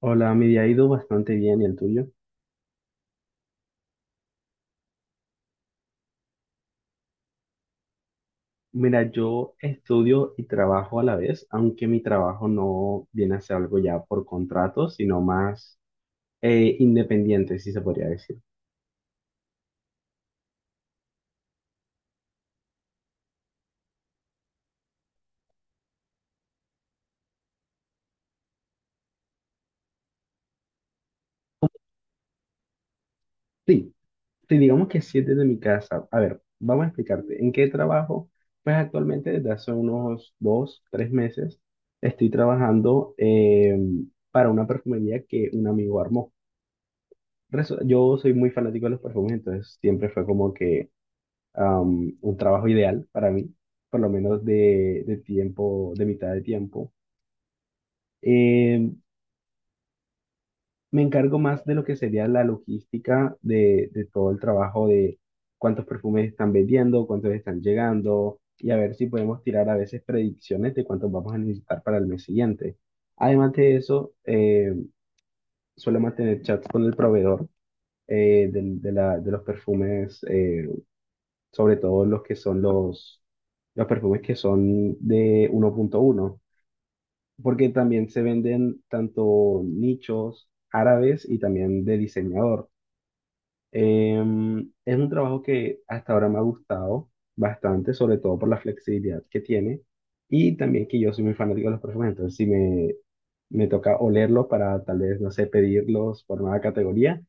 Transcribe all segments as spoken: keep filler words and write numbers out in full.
Hola, mi día ha ido bastante bien, ¿y el tuyo? Mira, yo estudio y trabajo a la vez, aunque mi trabajo no viene a ser algo ya por contrato, sino más eh, independiente, si se podría decir. Sí, sí, digamos que sí desde mi casa. A ver, vamos a explicarte. ¿En qué trabajo? Pues actualmente desde hace unos dos, tres meses estoy trabajando eh, para una perfumería que un amigo armó. Resu- Yo soy muy fanático de los perfumes, entonces siempre fue como que am, un trabajo ideal para mí, por lo menos de, de tiempo, de mitad de tiempo. Eh, Me encargo más de lo que sería la logística de, de todo el trabajo de cuántos perfumes están vendiendo, cuántos están llegando y a ver si podemos tirar a veces predicciones de cuántos vamos a necesitar para el mes siguiente. Además de eso, eh, suelo mantener chats con el proveedor eh, del- de, la- de los perfumes. Eh, sobre todo los que son los, los perfumes que son de uno punto uno, porque también se venden tanto nichos árabes y también de diseñador. Em, es un trabajo que hasta ahora me ha gustado bastante, sobre todo por la flexibilidad que tiene y también que yo soy muy fanático de los perfumes, entonces si me, me toca olerlos para tal vez, no sé, pedirlos por nueva categoría,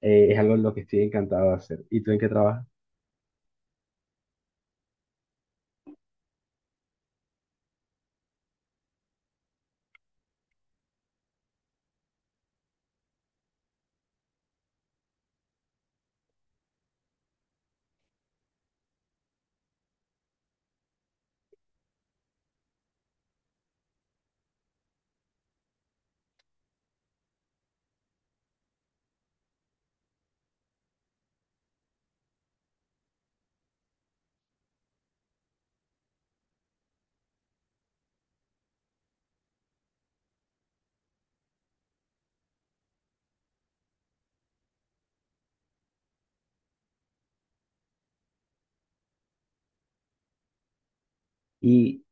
eh, es algo en lo que estoy encantado de hacer. ¿Y tú en qué trabajas? Y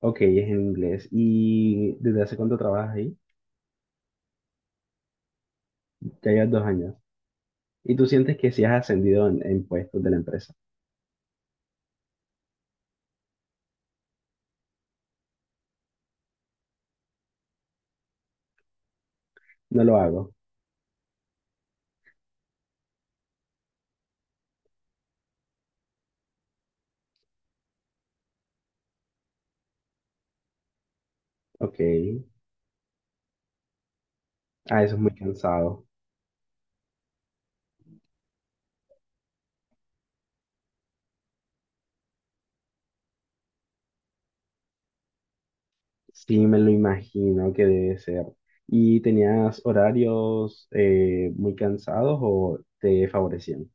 Ok, es en inglés. ¿Y desde hace cuánto trabajas ahí? Ya llevas dos años. ¿Y tú sientes que si has ascendido en, en puestos de la empresa? No lo hago. Ok. Ah, eso es muy cansado. Sí, me lo imagino que debe ser. ¿Y tenías horarios eh, muy cansados o te favorecían?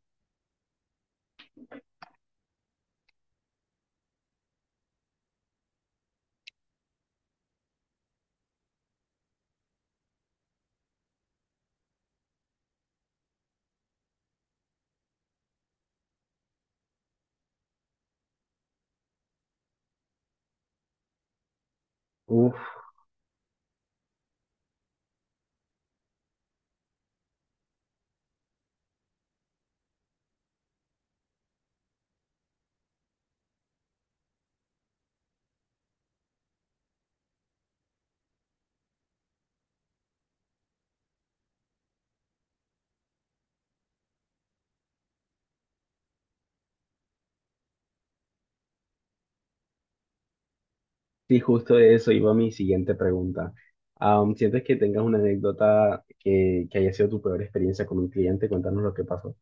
Uf, sí, justo de eso iba mi siguiente pregunta. Am, ¿sientes que tengas una anécdota que, que haya sido tu peor experiencia con un cliente? Cuéntanos lo que pasó.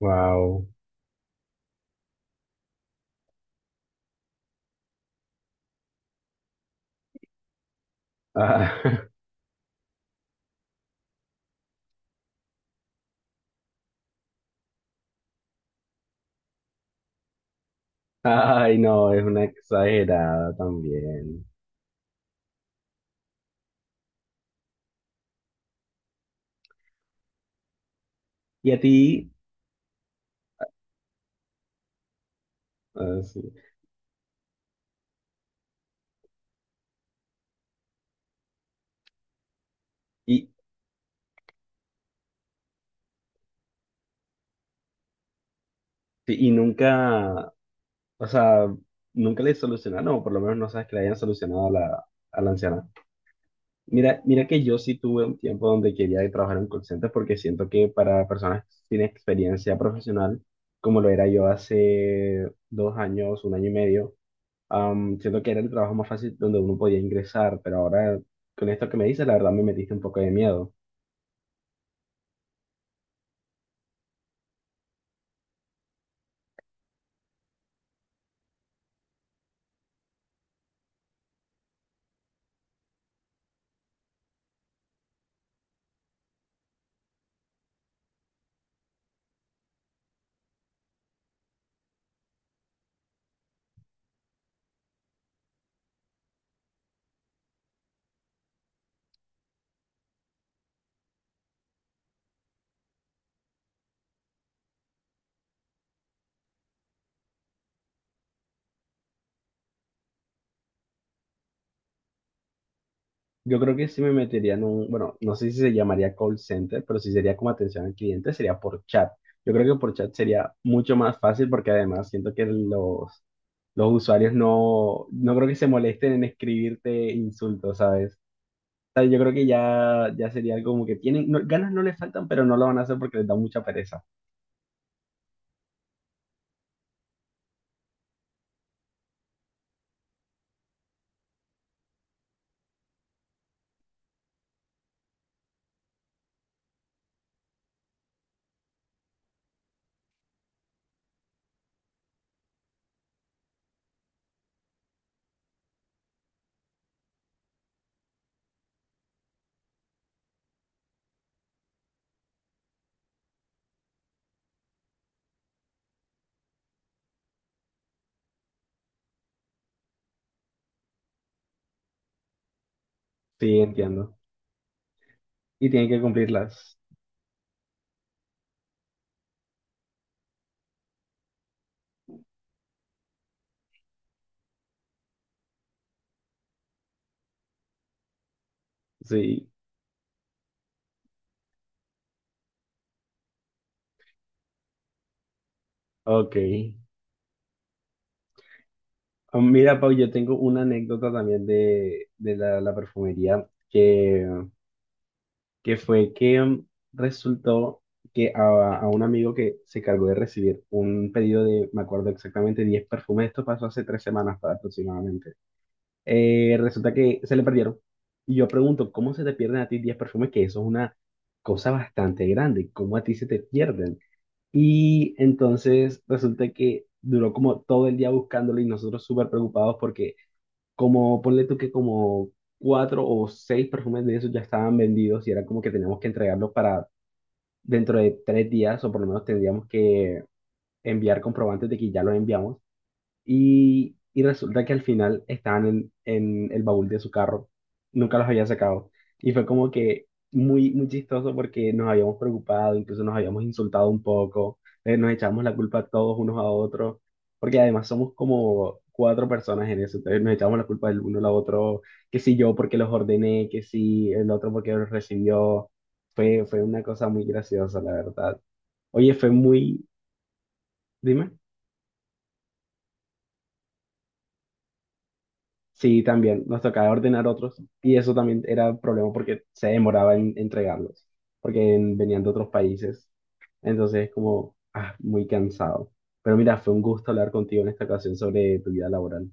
Wow. Ay, no, es una exagerada también. Y a ti, ah, sí. Y, y y nunca, o sea, nunca le solucionaron, o por lo menos no sabes que le hayan solucionado a la, a la anciana. Mira, mira que yo sí tuve un tiempo donde quería trabajar en call center porque siento que para personas sin experiencia profesional, como lo era yo hace dos años, un año y medio, am, siento que era el trabajo más fácil donde uno podía ingresar, pero ahora con esto que me dices, la verdad me metiste un poco de miedo. Yo creo que sí me metería en un, bueno, no sé si se llamaría call center, pero si sería como atención al cliente, sería por chat. Yo creo que por chat sería mucho más fácil porque además siento que los, los usuarios no, no creo que se molesten en escribirte insultos, ¿sabes? O sea, yo creo que ya, ya sería algo como que tienen, no- ganas no les faltan, pero no lo van a hacer porque les da mucha pereza. Sí, entiendo. Y tienen que cumplirlas. Sí, ok. Oh, mira, Pau, yo tengo una anécdota también de, de la la perfumería que... que fue que mm, resultó que a, a un amigo que se cargó de recibir un pedido de, me acuerdo exactamente, diez perfumes, esto pasó hace tres semanas aproximadamente. Eh, resulta que se le perdieron. Y yo pregunto, ¿cómo se te pierden a ti diez perfumes? Que eso es una cosa bastante grande, ¿cómo a ti se te pierden? Y entonces resulta que duró como todo el día buscándolo y nosotros súper preocupados porque como ponle tú que como cuatro o seis perfumes de esos ya estaban vendidos y era como que teníamos que entregarlos para dentro de tres días o por lo menos tendríamos que enviar comprobantes de que ya los enviamos y, y resulta que al final estaban en, en el baúl de su carro. Nunca los había sacado. Y fue como que muy, muy chistoso porque nos habíamos preocupado, incluso nos habíamos insultado un poco. Eh, nos echamos la culpa todos unos a otros. Porque además somos como cuatro personas en eso. Entonces nos echamos la culpa del uno al otro. Que si yo porque los ordené, que si el otro porque los recibió. Fue, fue una cosa muy graciosa, la verdad. Oye, fue muy... Dime. Sí, también nos tocaba ordenar otros y eso también era un problema porque se demoraba en entregarlos, porque en- venían de otros países. Entonces, como, ah, muy cansado. Pero mira, fue un gusto hablar contigo en esta ocasión sobre tu vida laboral.